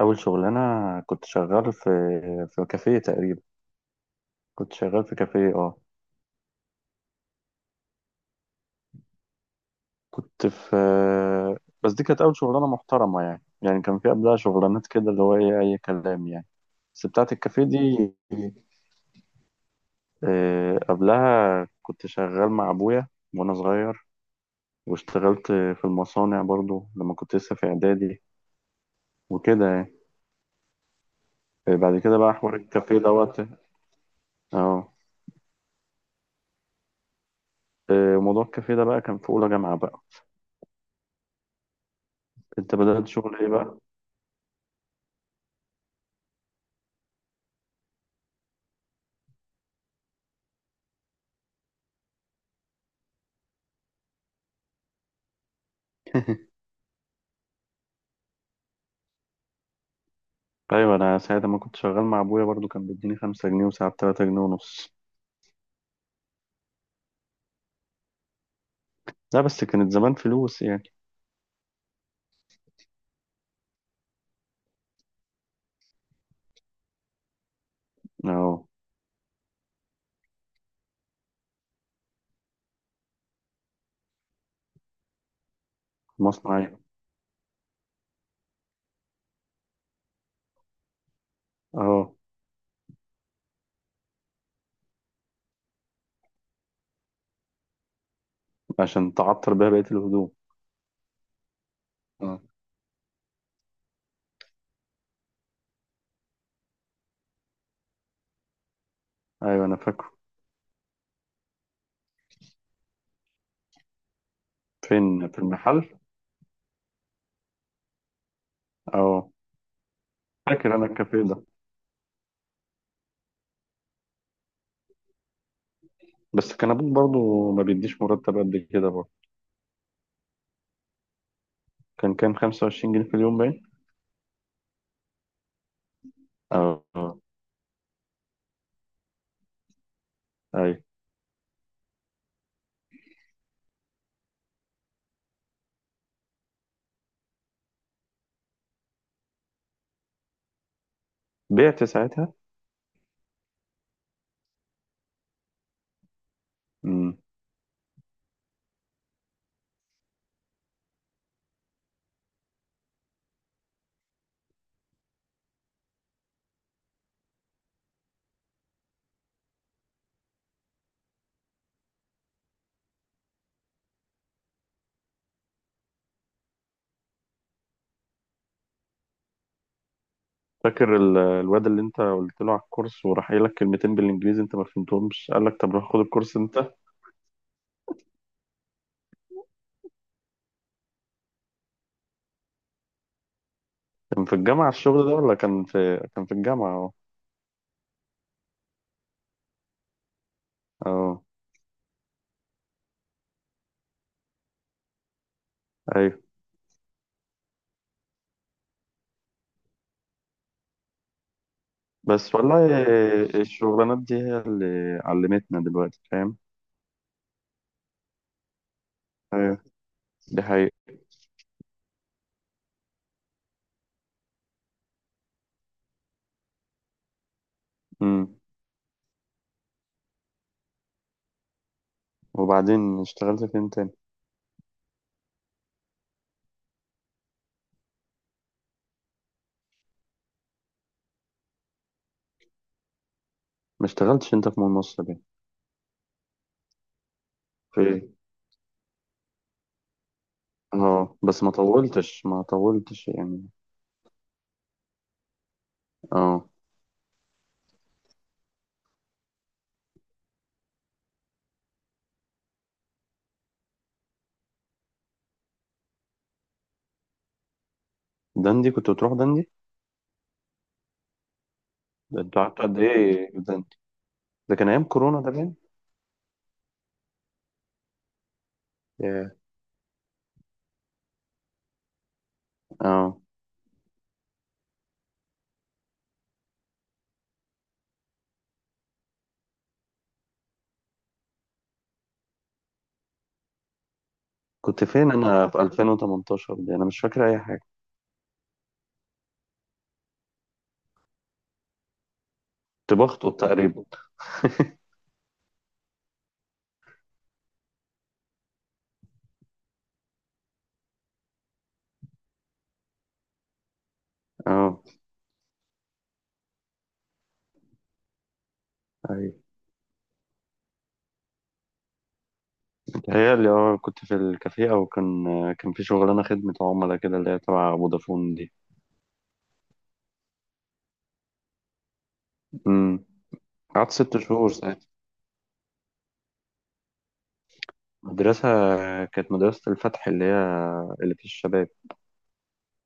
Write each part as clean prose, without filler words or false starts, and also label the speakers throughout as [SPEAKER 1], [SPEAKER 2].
[SPEAKER 1] أول شغلانة. كنت شغال في كافيه تقريبا. كنت شغال في كافيه. اه. كنت في بس دي كانت أول شغلانة محترمة، يعني كان في قبلها شغلانات كده اللي هو إيه، أي كلام يعني. بس بتاعة الكافيه دي. قبلها كنت شغال مع أبويا وأنا صغير، واشتغلت في المصانع برضو لما كنت لسه في إعدادي وكده يعني. بعد كده بقى حوار الكافيه دوت. اه. موضوع الكافيه ده بقى كان في أولى جامعة بقى. أنت بدأت شغل إيه بقى؟ ايوه، انا ساعه ما كنت شغال مع ابويا برضو كان بيديني 5 جنيه وساعات 3 جنيه ونص. لا، بس كانت زمان فلوس يعني. اه. مصنعية. اه. عشان تعطر بيها بقية الهدوم. اه. ايوه، انا فاكره. فين؟ في المحل. اه. فاكر انا الكافيه ده. بس كان ابوك برضو ما بيديش مرتب قد كده برضو. كان كام؟ 25 جنيه في اليوم باين. اه اه. ايوه، بعت ساعتها. امم. فاكر الواد اللي انت قلت له على الكورس وراح قايل لك كلمتين بالانجليزي انت ما فهمتهمش، قال لك طب روح خد الكورس انت. كان في الجامعة الشغل ده ولا كان في؟ كان في الجامعة. اه. اه. ايوه. بس والله الشغلانات دي هي اللي علمتنا دلوقتي، فاهم؟ ايوه، دي حقيقة. امم. وبعدين اشتغلت فين تاني؟ ما اشتغلتش انت في مول مصر دي؟ في ايه؟ اه، بس ما طولتش يعني. اه. دندي، كنت بتروح دندي؟ ده انت قعدت قد ايه في دندي؟ ده كان ايام كورونا ده باين. ياه. اه. كنت فين انا في 2018 دي؟ انا مش فاكر اي حاجة. كنت بخطب تقريبا. اه. ايوه. هي اللي هو كنت في الكافيه او كان كان في شغلانه خدمه عملاء كده اللي هي تبع فودافون دي. امم. قعدت 6 شهور ساعتها. المدرسه كانت مدرسه الفتح، اللي هي اللي في الشباب.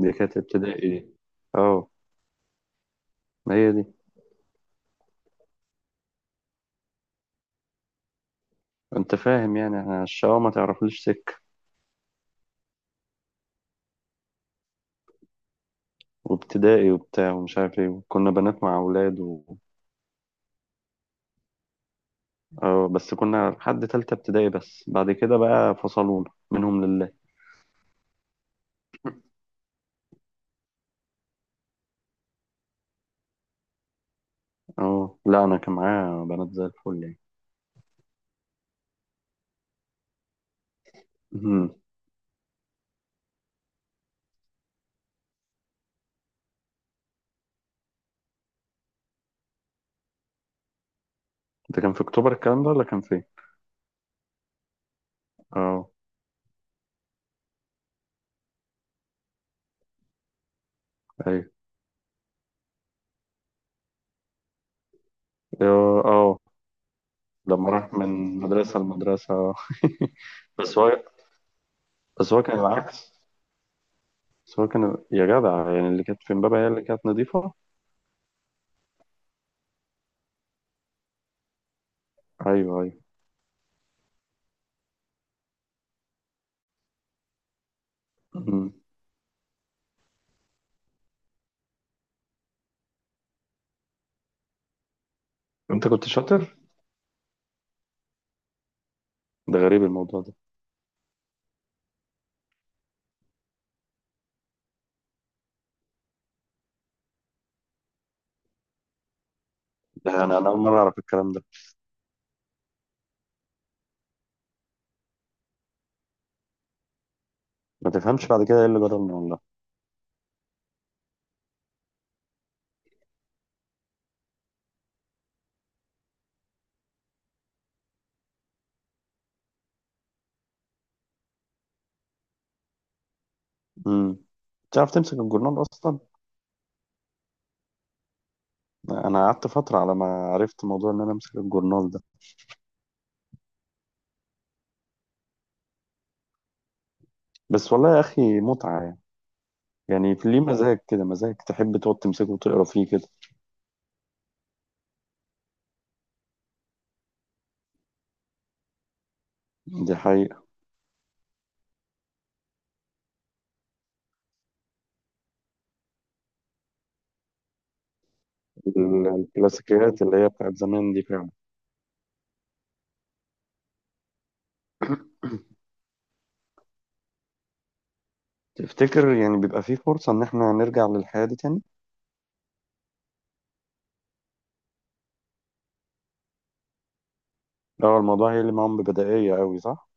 [SPEAKER 1] دي كانت ابتدائي. اه. ما هي دي. انت فاهم يعني احنا الشقاوة ما تعرفليش سك. وابتدائي وبتاع ومش عارف ايه، كنا بنات مع اولاد و... اه، بس كنا لحد تالتة ابتدائي، بس بعد كده بقى فصلونا منهم لله. اه. لا، انا كان معايا بنات زي الفل يعني. ده كان في اكتوبر الكلام ده ولا كان فين؟ اه. ايوه. اه. لما راح من مدرسة لمدرسة. بس هو بس هو كان العكس. بس هو كان يا جدع، يعني اللي كانت في امبابة هي اللي كانت نظيفة. ايوه ايوه. أمم. انت كنت شاطر؟ ده غريب الموضوع ده. ده انا اول مرة اعرف الكلام ده. ما تفهمش بعد كده ايه اللي جرالنا والله. امم. تعرف تمسك الجورنال اصلا؟ انا قعدت فترة على ما عرفت موضوع ان انا امسك الجورنال ده. بس والله يا اخي متعة يعني. يعني ليه مزاج كده، مزاج تحب تقعد تمسكه وتقرا فيه كده. دي حقيقة. الكلاسيكيات اللي هي بتاعت زمان دي فعلا. تفتكر يعني بيبقى في فرصة إن إحنا نرجع للحياة دي تاني؟ لو الموضوع هي اللي معاهم ببدائية أوي، صح؟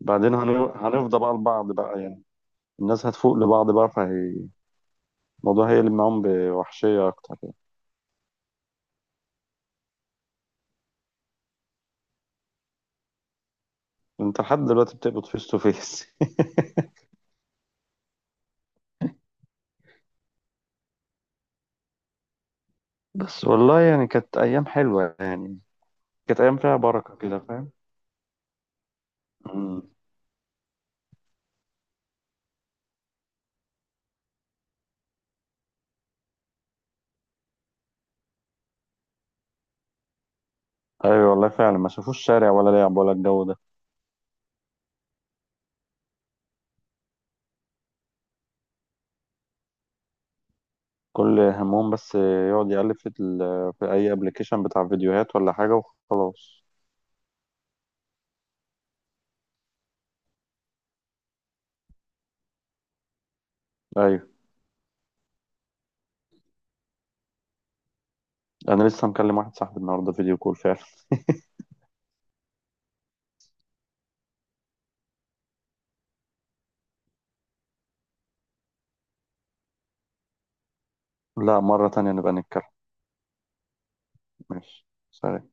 [SPEAKER 1] بعدين هنفضى بقى لبعض بقى يعني. الناس هتفوق لبعض بقى فهي. الموضوع هي اللي معاهم بوحشية أكتر يعني. أنت لحد دلوقتي بتقبض فيس تو فيس؟ بس والله يعني كانت أيام حلوة يعني. كانت أيام فيها بركة كده، فاهم؟ مم. أيوة والله فعلا، ما شافوش شارع ولا لعب ولا الجو ده. كل همهم بس يقعد يقلب في اي ابلكيشن بتاع فيديوهات ولا حاجه وخلاص. ايوه، انا لسه مكلم واحد صاحبي النهارده فيديو كول فعلا. لا، مره تانية نبقى نتكلم. ماشي سلام.